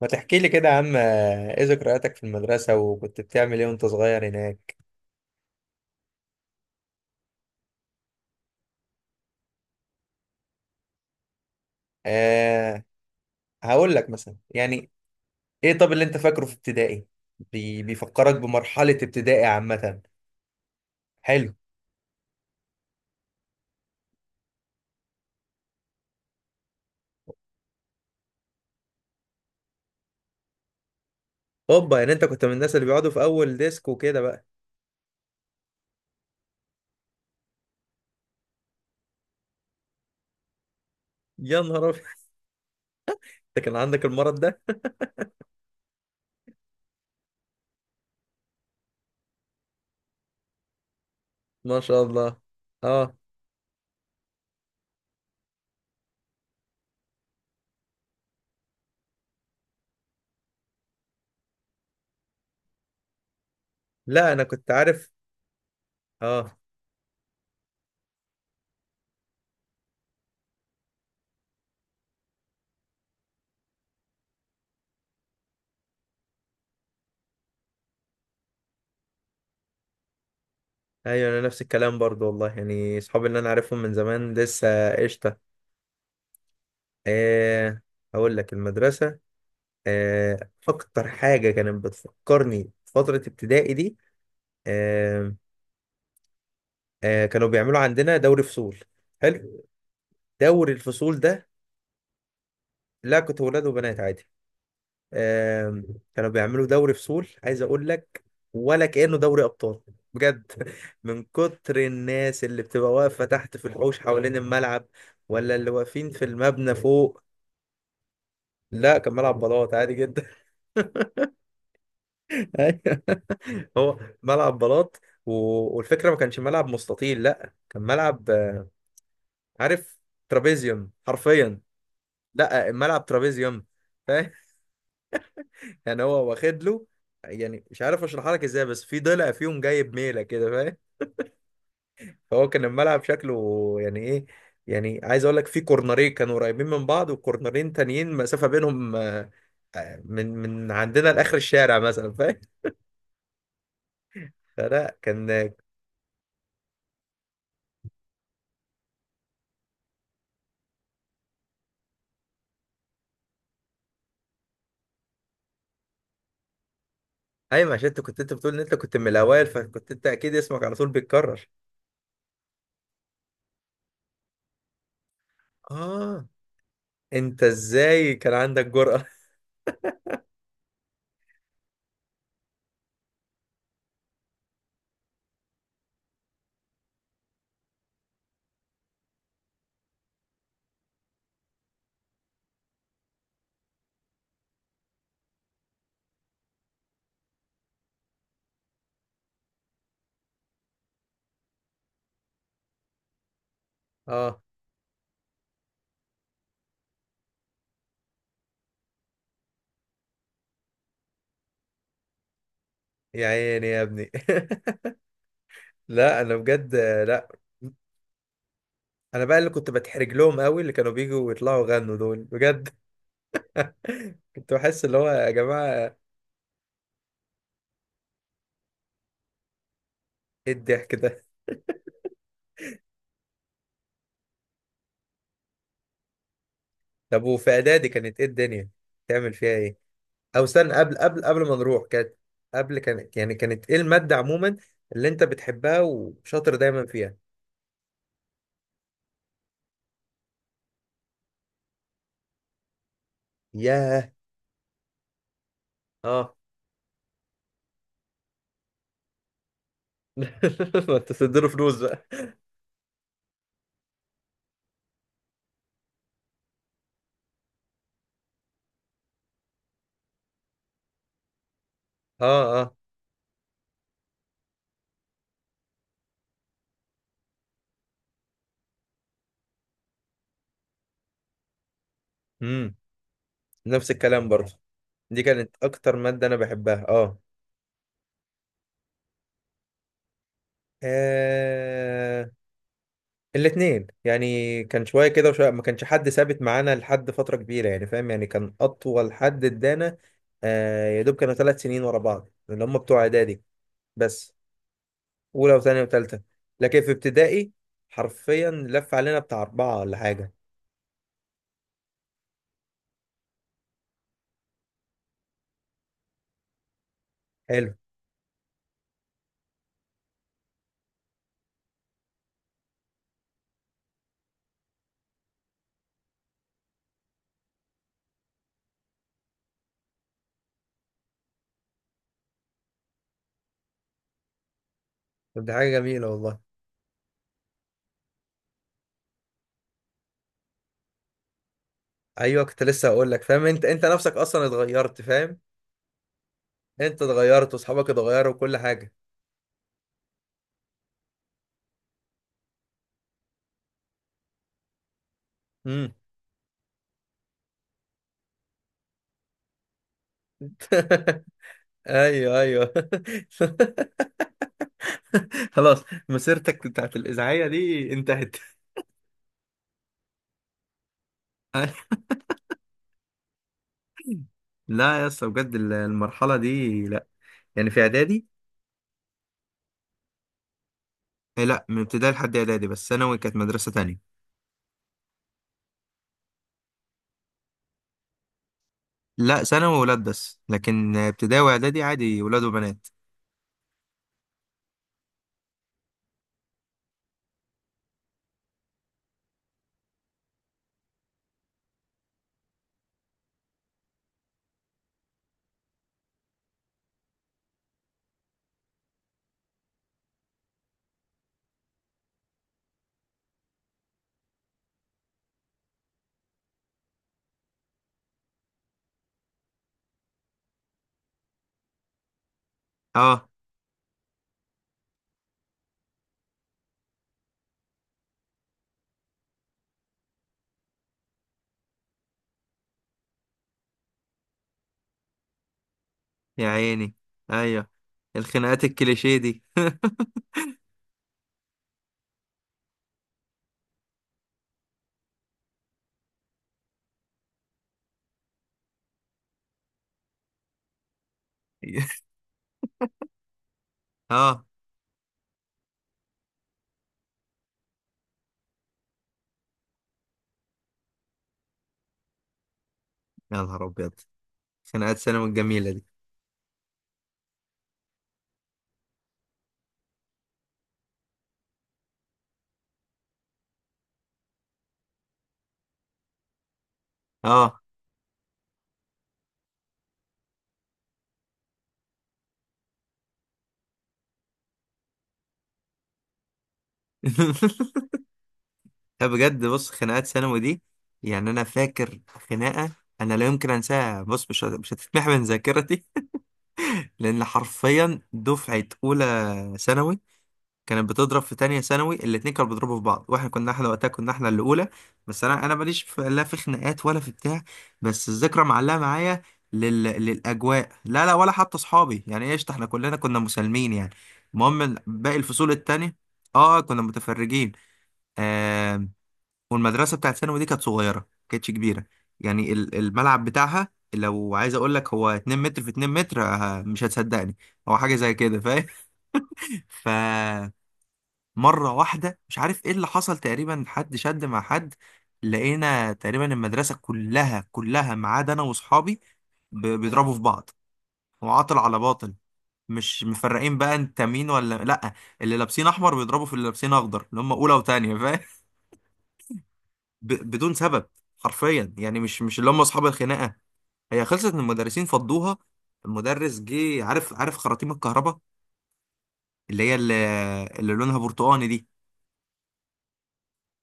ما تحكي لي كده يا عم ايه ذكرياتك في المدرسة وكنت بتعمل ايه وانت صغير هناك؟ أه، هقول لك مثلا يعني ايه. طب اللي انت فاكره في ابتدائي، بيفكرك بمرحلة ابتدائي عامة؟ حلو. اوبا، يعني انت كنت من الناس اللي بيقعدوا في اول ديسك وكده بقى؟ يا نهار ابيض. انت كان عندك المرض ده؟ ما شاء الله. اه، لا انا كنت عارف. اه، ايوه انا نفس الكلام برضو والله، يعني اصحابي اللي انا عارفهم من زمان لسه قشطة. أه، هقول لك المدرسة. آه، اكتر حاجه كانت بتفكرني بفتره ابتدائي دي، آه، آه، كانوا بيعملوا عندنا دوري فصول. حلو، دوري الفصول ده؟ لا كنت ولاد وبنات عادي. آه، كانوا بيعملوا دوري فصول عايز اقول لك، ولا كانه دوري ابطال. بجد، من كتر الناس اللي بتبقى واقفه تحت في الحوش حوالين الملعب، ولا اللي واقفين في المبنى فوق. لا كان ملعب بلاط عادي جدا. ايوه هو ملعب بلاط. والفكره ما كانش ملعب مستطيل، لا كان ملعب عارف، ترابيزيوم حرفيا. لا الملعب ترابيزيوم، فاهم؟ يعني هو واخد له، يعني مش عارف اشرحها لك ازاي، بس في ضلع فيهم جايب ميله كده فاهم. فهو كان الملعب شكله يعني ايه، يعني عايز اقول لك في كورنرين كانوا قريبين من بعض، وكورنرين تانيين مسافه بينهم، من عندنا لاخر الشارع مثلا فاهم. فلا كان. ايوه عشان انت كنت، بتقول ان انت كنت من الاوائل، فكنت انت اكيد اسمك على طول بيتكرر. اه، انت ازاي كان عندك جرأة؟ اه، يا عيني يا ابني. لا انا بجد، لا. انا بقى اللي كنت بتحرج لهم قوي، اللي كانوا بيجوا ويطلعوا يغنوا دول بجد. كنت بحس اللي هو يا جماعة، ايه الضحك ده؟ طب وفي اعدادي كانت ايه الدنيا، تعمل فيها ايه؟ او استنى، قبل ما نروح، كانت قبل، كانت يعني كانت ايه المادة عموما اللي انت بتحبها وشاطر دايما فيها؟ ياه. اه. ما انت تديله فلوس بقى. اه اه. امم، نفس الكلام برضه، دي كانت اكتر مادة انا بحبها. اه, آه. الاتنين يعني، كان شوية كده وشوية، ما كانش حد ثابت معانا لحد فترة كبيرة يعني فاهم، يعني كان اطول حد ادانا يا دوب كانوا ثلاث سنين ورا بعض، اللي هم بتوع اعدادي بس، اولى وثانيه وثالثه. لكن في ابتدائي حرفيا لف علينا بتاع اربعة ولا حاجة. حلو. طب دي حاجة جميلة والله. ايوه كنت لسه هقول لك، فاهم، انت انت نفسك اصلا اتغيرت فاهم. انت اتغيرت واصحابك اتغيروا وكل حاجه. امم. ايوه ايوه. خلاص مسيرتك بتاعت الاذاعيه دي انتهت. لا يا اسطى بجد، المرحله دي لا. يعني في اعدادي، إيه. لا من ابتدائي لحد اعدادي، بس ثانوي كانت مدرسه تانية. لا ثانوي ولاد بس، لكن ابتدائي واعدادي عادي ولاد وبنات. اه. يا عيني. ايوه، الخناقات الكليشيه دي. اه. يا نهار ابيض. خناقات ثانوي الجميله دي. اه. لا بجد بص، خناقات ثانوي دي، يعني انا فاكر خناقه انا لا يمكن انساها، بص مش مش هتتمح من ذاكرتي. لان حرفيا دفعه اولى ثانوي كانت بتضرب في تانية ثانوي، الاتنين كانوا بيضربوا في بعض، واحنا كنا، احنا وقتها كنا احنا اللي اولى. بس انا ماليش في لا في خناقات ولا في بتاع، بس الذكرى معلقه معايا للاجواء. لا لا، ولا حتى اصحابي يعني، ايش احنا كلنا كنا مسالمين يعني. المهم باقي الفصول التانية. اه كنا متفرجين. والمدرسه بتاعت ثانوي دي كانت صغيره ما كانتش كبيره، يعني الملعب بتاعها لو عايز اقول لك هو 2 متر في 2 متر، مش هتصدقني، هو حاجه زي كده فاهم. فمره واحده مش عارف ايه اللي حصل، تقريبا حد شد مع حد، لقينا تقريبا المدرسه كلها كلها ما عدا انا واصحابي بيضربوا في بعض، وعاطل على باطل، مش مفرقين بقى انت مين ولا لا. اللي لابسين احمر بيضربوا في اللي لابسين اخضر، اللي هم اولى وتانية، بدون سبب، حرفيا يعني مش اللي هم اصحاب الخناقه. هي خلصت ان المدرسين فضوها. المدرس جه، عارف خراطيم الكهرباء اللي هي اللي لونها برتقاني دي.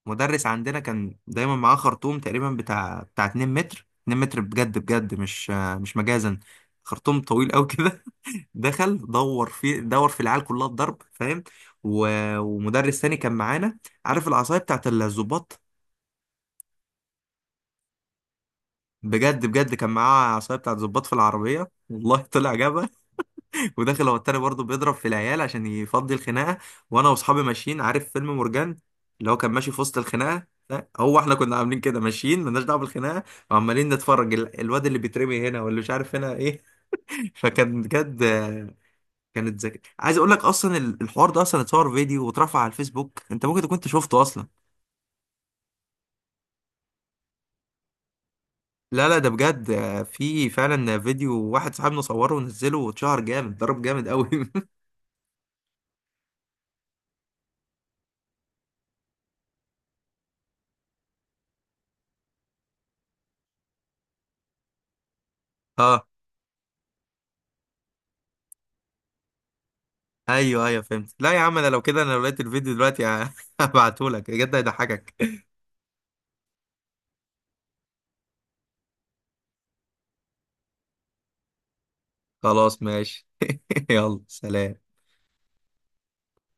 مدرس عندنا كان دايما معاه خرطوم تقريبا بتاع 2 متر 2 متر بجد بجد، مش مجازا، خرطوم طويل قوي كده. دخل دور في دور في العيال كلها الضرب فاهم. و... ومدرس تاني كان معانا، عارف العصايه بتاعت الظباط؟ بجد بجد، كان معاه عصايه بتاعت ظباط في العربيه، والله طلع جاب، وداخل هو التاني برضه بيضرب في العيال عشان يفضي الخناقه. وانا واصحابي ماشيين، عارف فيلم مورجان اللي هو كان ماشي في وسط الخناقه؟ لا هو احنا كنا عاملين كده ماشيين مالناش دعوه بالخناقه، وعمالين نتفرج، الواد اللي بيترمي هنا واللي مش عارف هنا ايه. فكان بجد كانت ذكي عايز اقول لك. اصلا الحوار ده اصلا اتصور فيديو واترفع على الفيسبوك، انت ممكن تكون انت شفته اصلا. لا لا، ده بجد في فعلا فيديو، واحد صاحبنا صوره ونزله واتشهر جامد، ضرب جامد قوي. اه ايوه ايوه فهمت. لا يا عم انا لو كده، انا لو لقيت الفيديو دلوقتي هبعته لك بجد هيضحكك. خلاص ماشي. يلا سلام.